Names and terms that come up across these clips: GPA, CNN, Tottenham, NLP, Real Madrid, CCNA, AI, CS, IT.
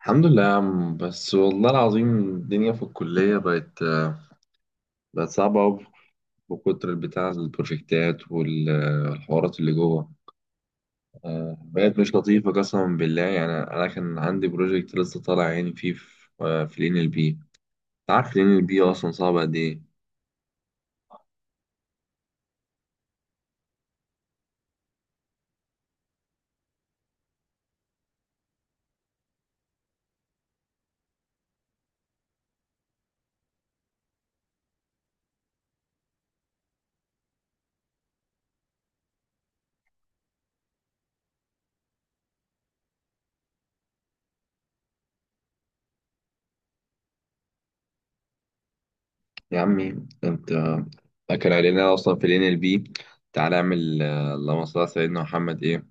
الحمد لله يا عم، بس والله العظيم الدنيا في الكلية بقت صعبة أوي. بكتر بتاع البروجكتات والحوارات اللي جوه. بقت مش لطيفة قسما بالله. يعني أنا كان عندي بروجكت لسه طالع، يعني فيه في آه، في ال NLP. أنت عارف ال NLP أصلا صعب قد إيه؟ يا عمي أنت أكل علينا أصلا في ال NLP. تعالى اعمل اللهم صل على سيدنا محمد إيه،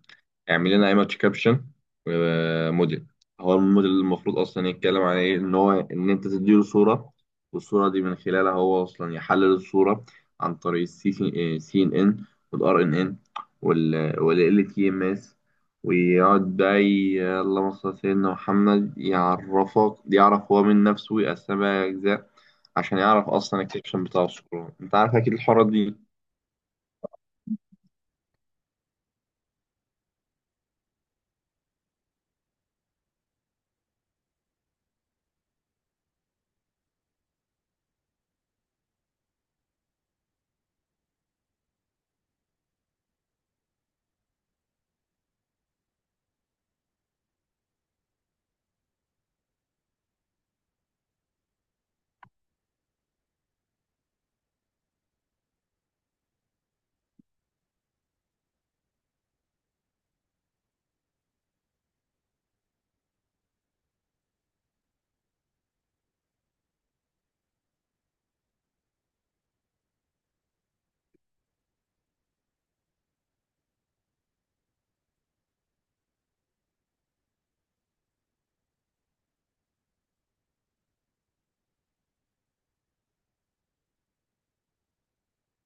اعمل لنا ايمج كابشن وموديل. هو الموديل المفروض اصلا يتكلم عن ايه، ان انت تديله صوره، والصوره دي من خلالها هو اصلا يحلل الصوره عن طريق السي سي ان ان والار ان ان والال تي ام اس، ويقعد بقى اللهم صل على سيدنا محمد يعرفك، يعرف هو من نفسه ويقسمها اجزاء عشان يعرف اصلا الكابشن بتاع الصوره. انت عارف اكيد الحوارات دي.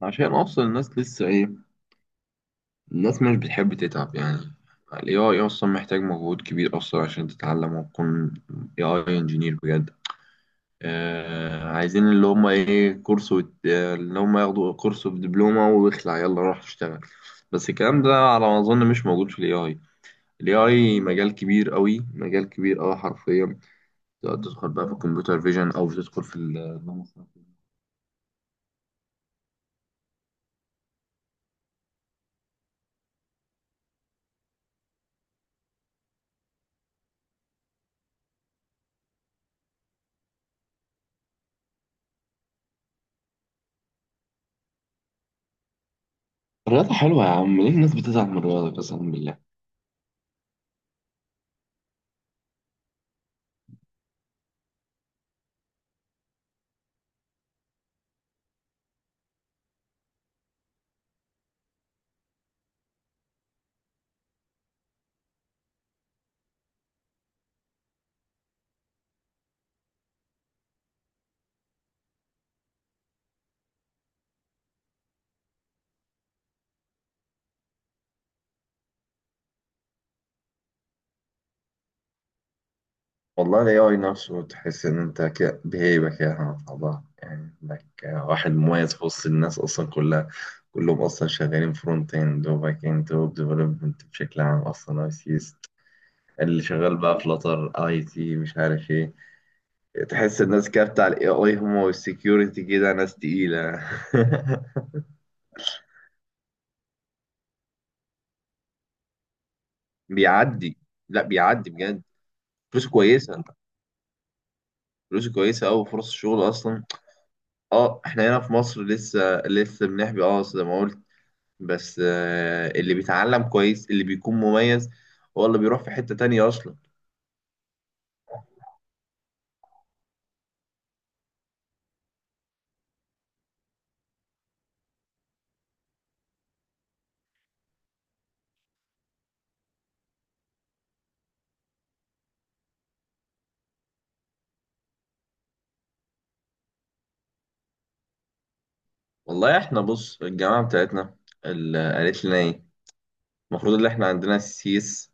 عشان اصلا الناس لسه ايه، الناس مش بتحب تتعب يعني. ال AI أصلا محتاج مجهود كبير أصلا عشان تتعلم وتكون AI engineer بجد. آه عايزين اللي هم إيه كورس وت... آه، اللي هم ياخدوا كورس بدبلومة واخلع، يلا روح اشتغل. بس الكلام ده على ما أظن مش موجود في ال AI. ال AI مجال كبير قوي، مجال كبير قوي حرفيا. تقدر تدخل بقى في الكمبيوتر فيجن أو تدخل في الرياضة حلوة يا عم، ليه الناس بتزعل من الرياضة قسما بالله؟ والله ال AI نفسه تحس إن أنت كده بهيبة كده مع بعضها، يعني إنك واحد مميز في وسط الناس أصلا كلها. كلهم أصلا شغالين فرونت إند وباك إند ويب ديفلوبمنت بشكل عام، أصلا أي سيس. اللي شغال بقى فلاتر أي تي مش عارف إيه. تحس الناس كده بتاع ال AI هم والسكيورتي كده ناس تقيلة بيعدي، لا بيعدي بجد. فلوس كويسة، فلوس كويسة أوي، فرص الشغل أصلا. اه احنا هنا في مصر لسه لسه بنحبي، اه زي ما قلت. بس اللي بيتعلم كويس، اللي بيكون مميز هو اللي بيروح في حتة تانية أصلا. والله إحنا بص، الجامعة بتاعتنا اللي قالت لنا إيه، المفروض إن إحنا عندنا سي إس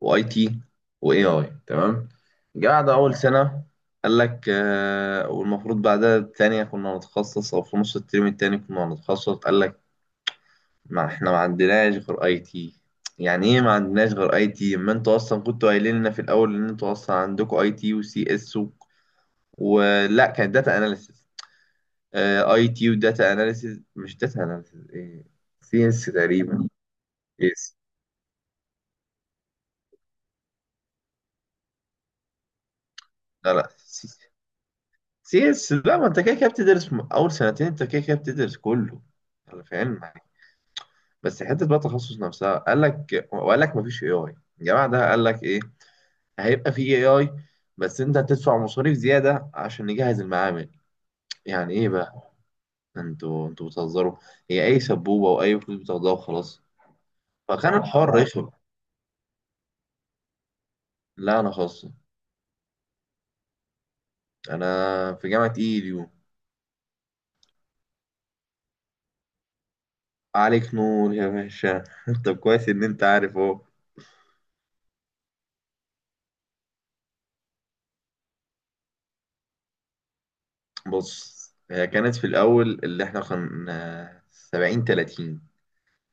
وأي تي وإي آي، تمام. الجامعة ده أول سنة قال لك والمفروض بعدها التانية كنا هنتخصص، أو في نص الترم التاني كنا هنتخصص. قال لك ما إحنا ما عندناش غير أي تي. يعني إيه ما عندناش غير أي تي؟ ما أنتوا أصلا كنتوا قايلين لنا في الأول إن أنتوا أصلا عندكوا أي تي وسي إس، ولا كانت داتا اناليسيس. اي تي وداتا اناليسيس، مش داتا اناليسيس ايه، سي اس تقريبا. يس. لا لا، سي اس لا، ما انت كده كده بتدرس اول سنتين، انت كده كده بتدرس كله. انا فاهم معاك. بس حته بقى التخصص نفسها، قال لك، وقال لك ما فيش اي اي. الجماعه ده قال لك ايه، هيبقى في اي اي، بس انت هتدفع مصاريف زياده عشان نجهز المعامل. يعني ايه بقى؟ انتوا بتهزروا؟ هي اي سبوبه واي فلوس بتاخدوها وخلاص. فكان الحوار رخم. لا، انا خاص. انا في جامعة ايديو. عليك نور يا باشا طب كويس ان انت عارف اهو. بص، هي كانت في الاول اللي احنا كنا 70 30.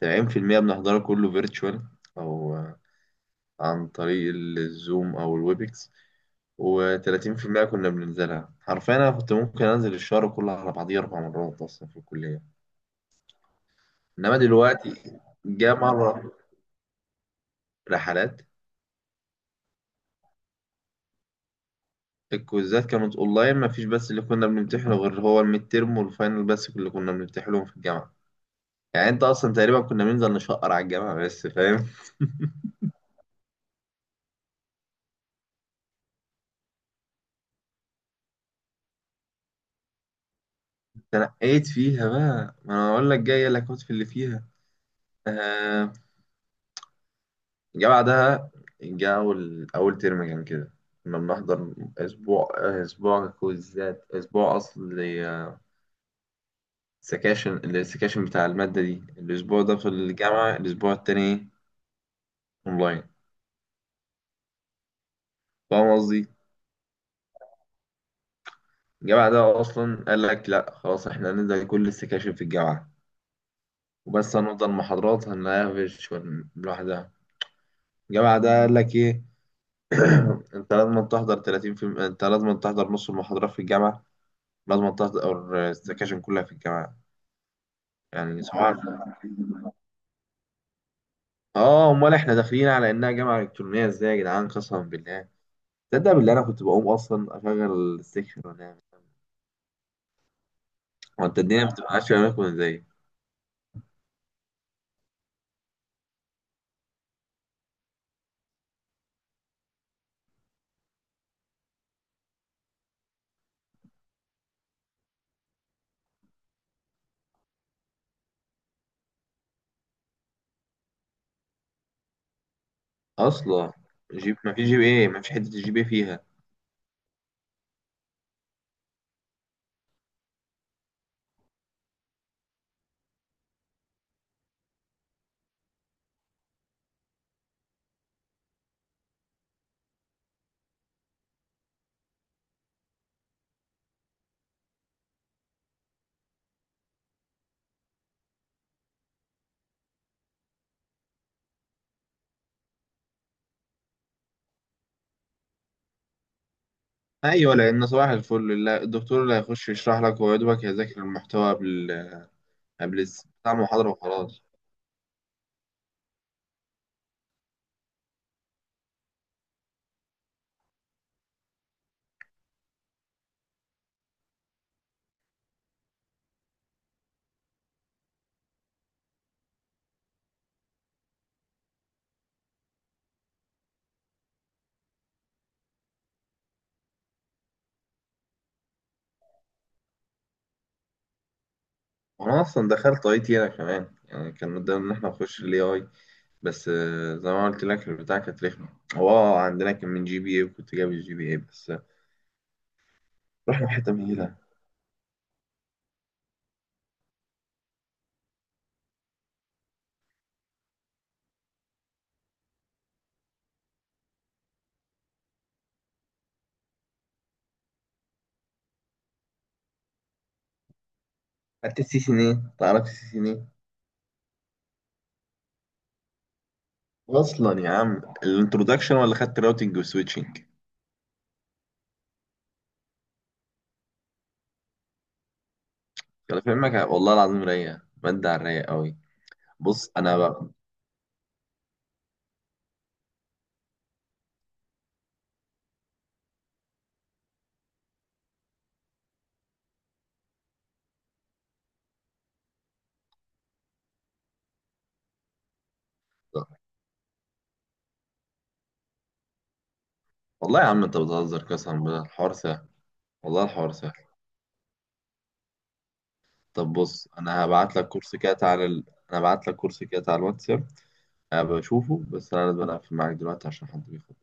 70% بنحضره كله فيرتشوال، او عن طريق الزوم او الويبكس، و30% كنا بننزلها حرفيا. انا كنت ممكن انزل الشهر كله على بعضيه اربع مرات اصلا في الكلية. انما دلوقتي جه مرة رحلات. الكويزات كانت اونلاين ما فيش، بس اللي كنا بنمتحنه غير هو الميد تيرم والفاينل بس، اللي كنا بنمتحنهم في الجامعه. يعني انت اصلا تقريبا كنا بننزل نشقر على الجامعه بس، فاهم. تنقيت فيها بقى، ما انا اقول لك جايه لك في اللي فيها. آه، الجامعه ده جه اول ترم كان كده، كنا بنحضر اسبوع، اسبوع كويزات، اسبوع السكاشن بتاع الماده دي الاسبوع ده في الجامعه، الاسبوع التاني اونلاين. فاهم قصدي. الجامعة ده أصلا قال لك لأ خلاص، إحنا هننزل كل السكاشن في الجامعة، وبس هنفضل محاضرات هنقفش لوحدها. الجامعة ده قال لك إيه، أنت لازم تحضر نص المحاضرات في الجامعة، لازم تحضر السكاشن كلها في الجامعة. يعني سبحان الله. آه أمال إحنا داخلين على إنها جامعة إلكترونية إزاي يا جدعان قسما بالله؟ تصدق بالله أنا كنت بقوم أصلا أشغل السكشن وأنام. هو أنت الدنيا ما بتبقاش في أماكن إزاي؟ أصلا جيب ما فيش جي بي إيه، ما فيش حتة الجي بي إيه فيها. ايوه لان صباح الفل، لا، الدكتور اللي هيخش يشرح لك هو يا دوبك هيذاكر المحتوى قبل بتاع المحاضره وخلاص. وانا اصلا دخلت اي تي انا كمان، يعني كان قدامنا ان احنا نخش الاي اي، بس زي ما قلت لك البتاع كانت رخمه. هو عندنا كان من جي بي اي، وكنت جايب الجي بي اي بس، رحنا في حته مهيله. خدت السي سي ان ايه؟ تعرف السي سي ان ايه؟ اصلا يا عم الانترودكشن، ولا خدت راوتنج وسويتشنج؟ انا فاهمك والله العظيم، رايقه ماده على الرايق قوي. بص انا بقى. والله يا عم انت بتهزر قسما بالله، الحوار سهل. والله الحوار سهل. طب بص، انا هبعت لك كورس كده تعالى انا هبعت لك كورس كده على الواتساب. أنا بشوفه، بس انا لازم اقفل معاك دلوقتي عشان حد بيخبط.